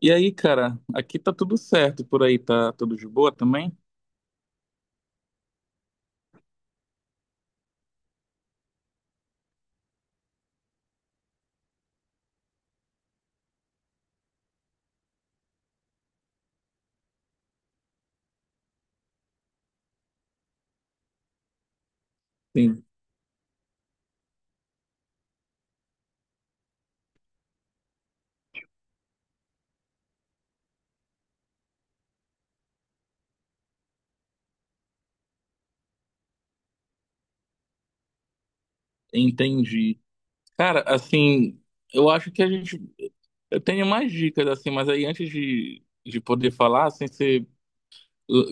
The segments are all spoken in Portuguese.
E aí, cara, aqui tá tudo certo, por aí tá tudo de boa também? Sim, entendi. Cara, assim, eu acho que a gente. Eu tenho mais dicas, assim, mas aí antes de poder falar, assim, você.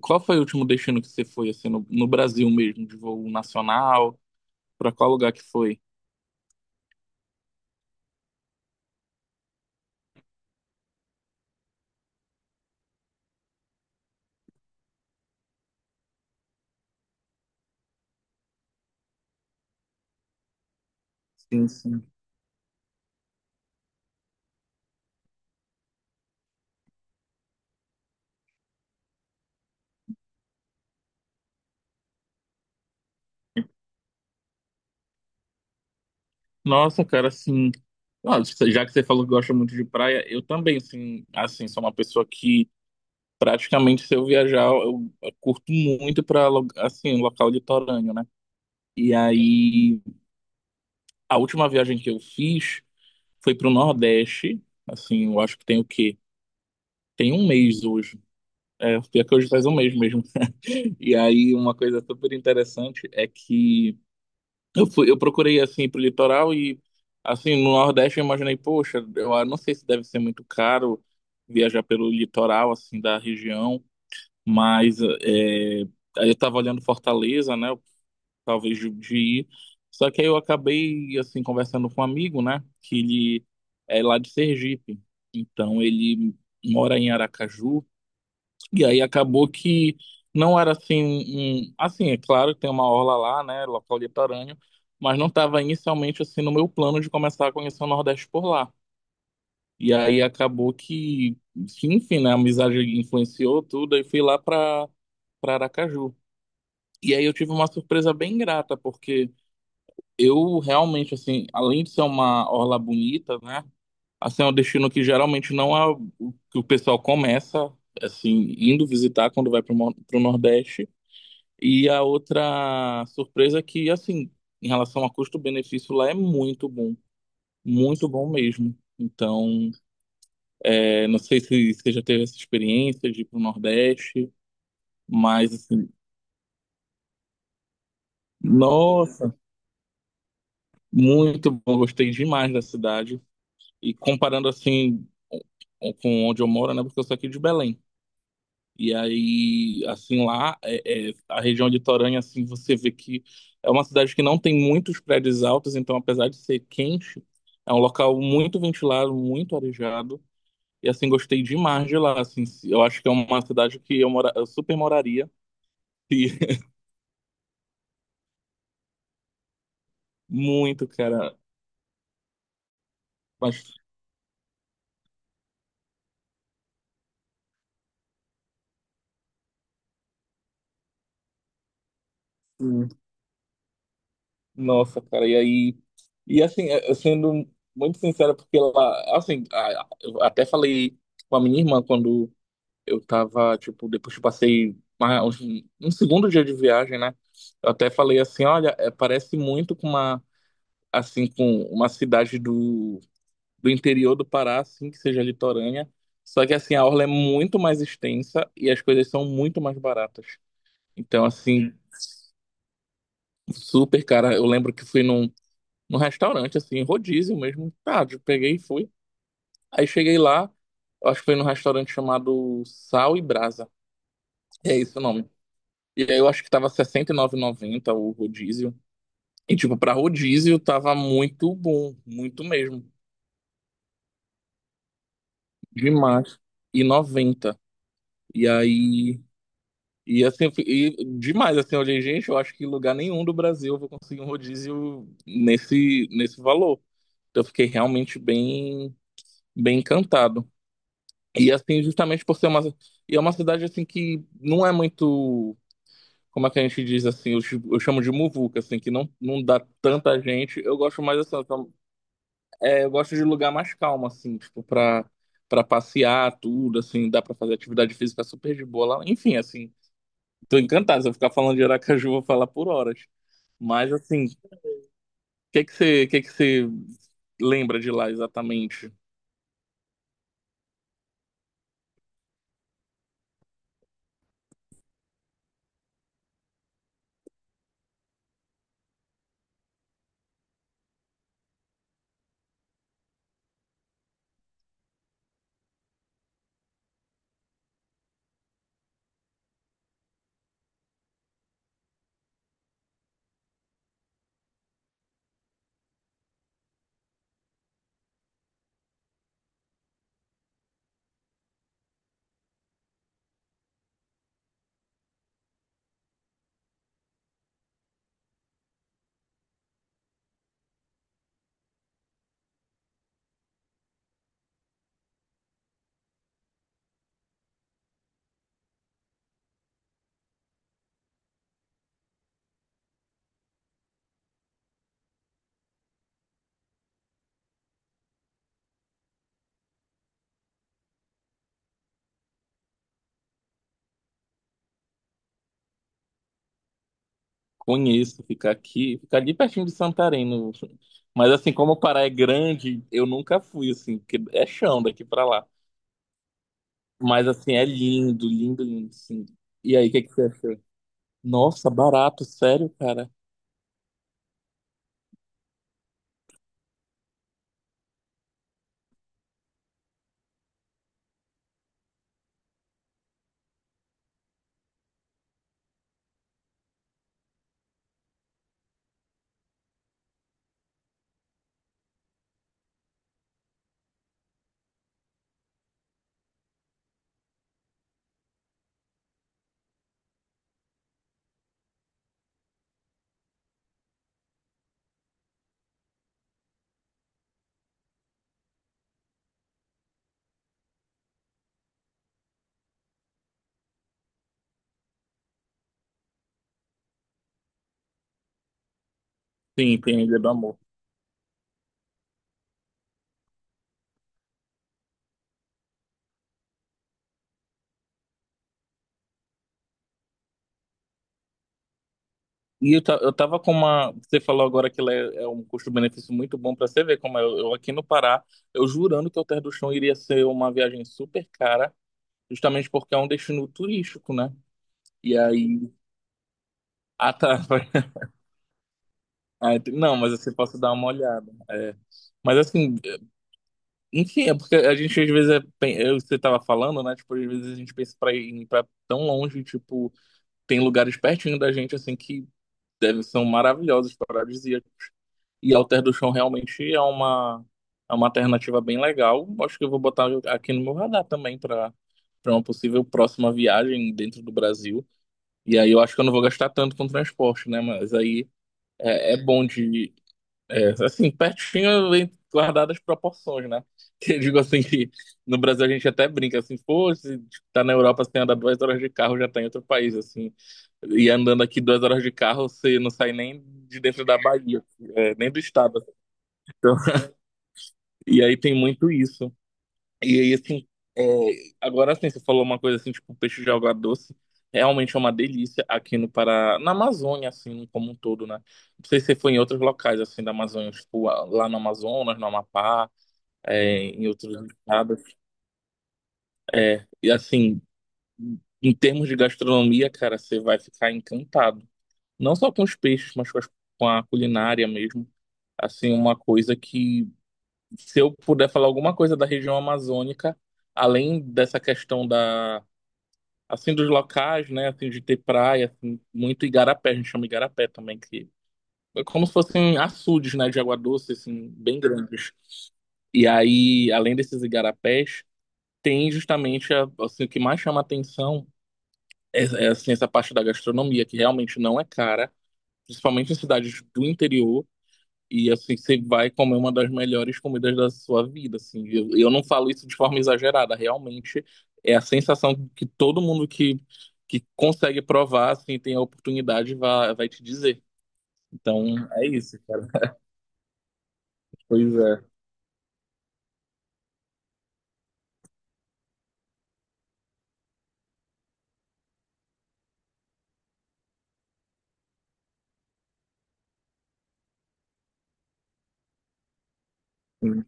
Qual foi o último destino que você foi, assim, no Brasil mesmo, de voo nacional? Pra qual lugar que foi? Sim, sim. Nossa, cara, assim. Ó, já que você falou que gosta muito de praia, eu também, assim, sou uma pessoa que. Praticamente se eu viajar, eu curto muito para assim, local litorâneo, né? E aí a última viagem que eu fiz foi pro Nordeste, assim, eu acho que tem o quê? Tem um mês hoje. É, pior que hoje faz um mês mesmo. E aí uma coisa super interessante é que eu procurei assim pro litoral e assim, no Nordeste eu imaginei, poxa, eu não sei se deve ser muito caro viajar pelo litoral assim da região. Mas é, aí eu tava olhando Fortaleza, né? Talvez de ir. Só que aí eu acabei, assim, conversando com um amigo, né? Que ele é lá de Sergipe. Então ele mora em Aracaju. E aí acabou que não era assim. Assim, é claro que tem uma orla lá, né? Local litorâneo. Mas não estava inicialmente, assim, no meu plano de começar a conhecer o Nordeste por lá. E aí acabou que, enfim, né? A amizade influenciou tudo. E fui lá para Aracaju. E aí eu tive uma surpresa bem grata, porque eu realmente, assim, além de ser uma orla bonita, né? Assim, é um destino que geralmente não é o que o pessoal começa, assim, indo visitar quando vai para o Nordeste. E a outra surpresa é que, assim, em relação a custo-benefício, lá é muito bom mesmo. Então, é, não sei se você já teve essa experiência de ir para o Nordeste, mas, assim, nossa, muito bom, gostei demais da cidade. E comparando assim com onde eu moro, né? Porque eu sou aqui de Belém. E aí, assim, lá, a região de litorânea, assim, você vê que é uma cidade que não tem muitos prédios altos, então, apesar de ser quente, é um local muito ventilado, muito arejado. E, assim, gostei demais de lá, assim. Eu acho que é uma cidade que eu super moraria. E muito, cara. Mas nossa, cara, e aí. E assim, sendo muito sincero, porque ela. Assim, eu até falei com a minha irmã quando eu tava, tipo, depois que eu passei um segundo dia de viagem, né? Eu até falei assim: olha, parece muito com uma. Assim, com uma cidade do interior do Pará, assim, que seja litorânea. Só que, assim, a orla é muito mais extensa e as coisas são muito mais baratas. Então, assim, super, cara. Eu lembro que fui num. Num restaurante, assim, rodízio mesmo. Tá, eu peguei e fui. Aí cheguei lá, eu acho que foi num restaurante chamado Sal e Brasa. É esse o nome. E aí eu acho que tava R$ 69,90 o rodízio. E, tipo, pra rodízio tava muito bom, muito mesmo. Demais. E noventa. E aí. E assim, e demais, assim, eu olhei, gente, eu acho que em lugar nenhum do Brasil eu vou conseguir um rodízio nesse, valor. Então eu fiquei realmente bem encantado. E assim, justamente por ser uma. E é uma cidade assim que não é muito. Como é que a gente diz assim? Eu chamo de muvuca, assim, que não, não dá tanta gente. Eu gosto mais assim, é, eu gosto de lugar mais calmo, assim, tipo, pra passear, tudo, assim, dá pra fazer atividade física super de boa lá. Enfim, assim, tô encantado. Se eu ficar falando de Aracaju, eu vou falar por horas. Mas assim, o que que você lembra de lá exatamente? Conheço, ficar aqui, ficar ali pertinho de Santarém. Mas assim, como o Pará é grande, eu nunca fui, assim, porque é chão daqui pra lá. Mas assim, é lindo, lindo, lindo, sim. E aí, o que que você achou? Nossa, barato, sério, cara. Sim, tem a Ilha do Amor. E eu tava com uma. Você falou agora que ela é um custo-benefício muito bom pra você ver como é. Eu aqui no Pará, eu jurando que o Terra do Chão iria ser uma viagem super cara, justamente porque é um destino turístico, né? E aí. Ah, tá. Ah, não, mas assim, posso dar uma olhada. É. Mas assim, enfim, é porque a gente às vezes é, pen- eu você tava falando, né? Tipo, às vezes a gente pensa pra ir pra tão longe, tipo, tem lugares pertinho da gente assim que devem são maravilhosos, paradisíacos. E Alter do Chão realmente é uma alternativa bem legal. Acho que eu vou botar aqui no meu radar também pra para uma possível próxima viagem dentro do Brasil. E aí eu acho que eu não vou gastar tanto com transporte, né? Mas aí é, é bom de é, assim, pertinho, guardadas as proporções, né? Que eu digo assim que no Brasil a gente até brinca assim, pô, se tá na Europa, você anda 2 horas de carro, já tá em outro país, assim. E andando aqui 2 horas de carro, você não sai nem de dentro da Bahia, assim, é, nem do estado, assim. Então, e aí tem muito isso. E aí, assim, é, agora assim, você falou uma coisa assim, tipo, peixe de alga doce. Realmente é uma delícia aqui no Pará, na Amazônia, assim, como um todo, né? Não sei se você foi em outros locais, assim, da Amazônia, tipo, lá no Amazonas, no Amapá, é, em outros estados. É, e assim, em termos de gastronomia, cara, você vai ficar encantado. Não só com os peixes, mas com com a culinária mesmo. Assim, uma coisa que, se eu puder falar alguma coisa da região amazônica, além dessa questão da. Assim, dos locais, né? Assim, de ter praia, assim, muito igarapé, a gente chama igarapé também, que é como se fossem açudes, né? De água doce, assim, bem grandes. E aí, além desses igarapés, tem justamente, assim, o que mais chama atenção assim, essa parte da gastronomia, que realmente não é cara, principalmente em cidades do interior. E assim, você vai comer uma das melhores comidas da sua vida, assim. Eu não falo isso de forma exagerada, realmente é a sensação que todo mundo que, consegue provar, assim, tem a oportunidade, vai te dizer. Então, é isso, cara. Pois é. Hum.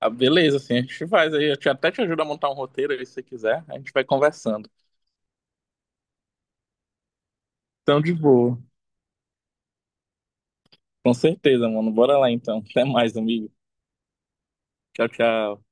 Ah, beleza, assim, a gente faz aí. Eu até te ajudo a montar um roteiro aí, se você quiser. A gente vai conversando. Então, de boa. Com certeza, mano. Bora lá, então. Até mais, amigo. Tchau, tchau.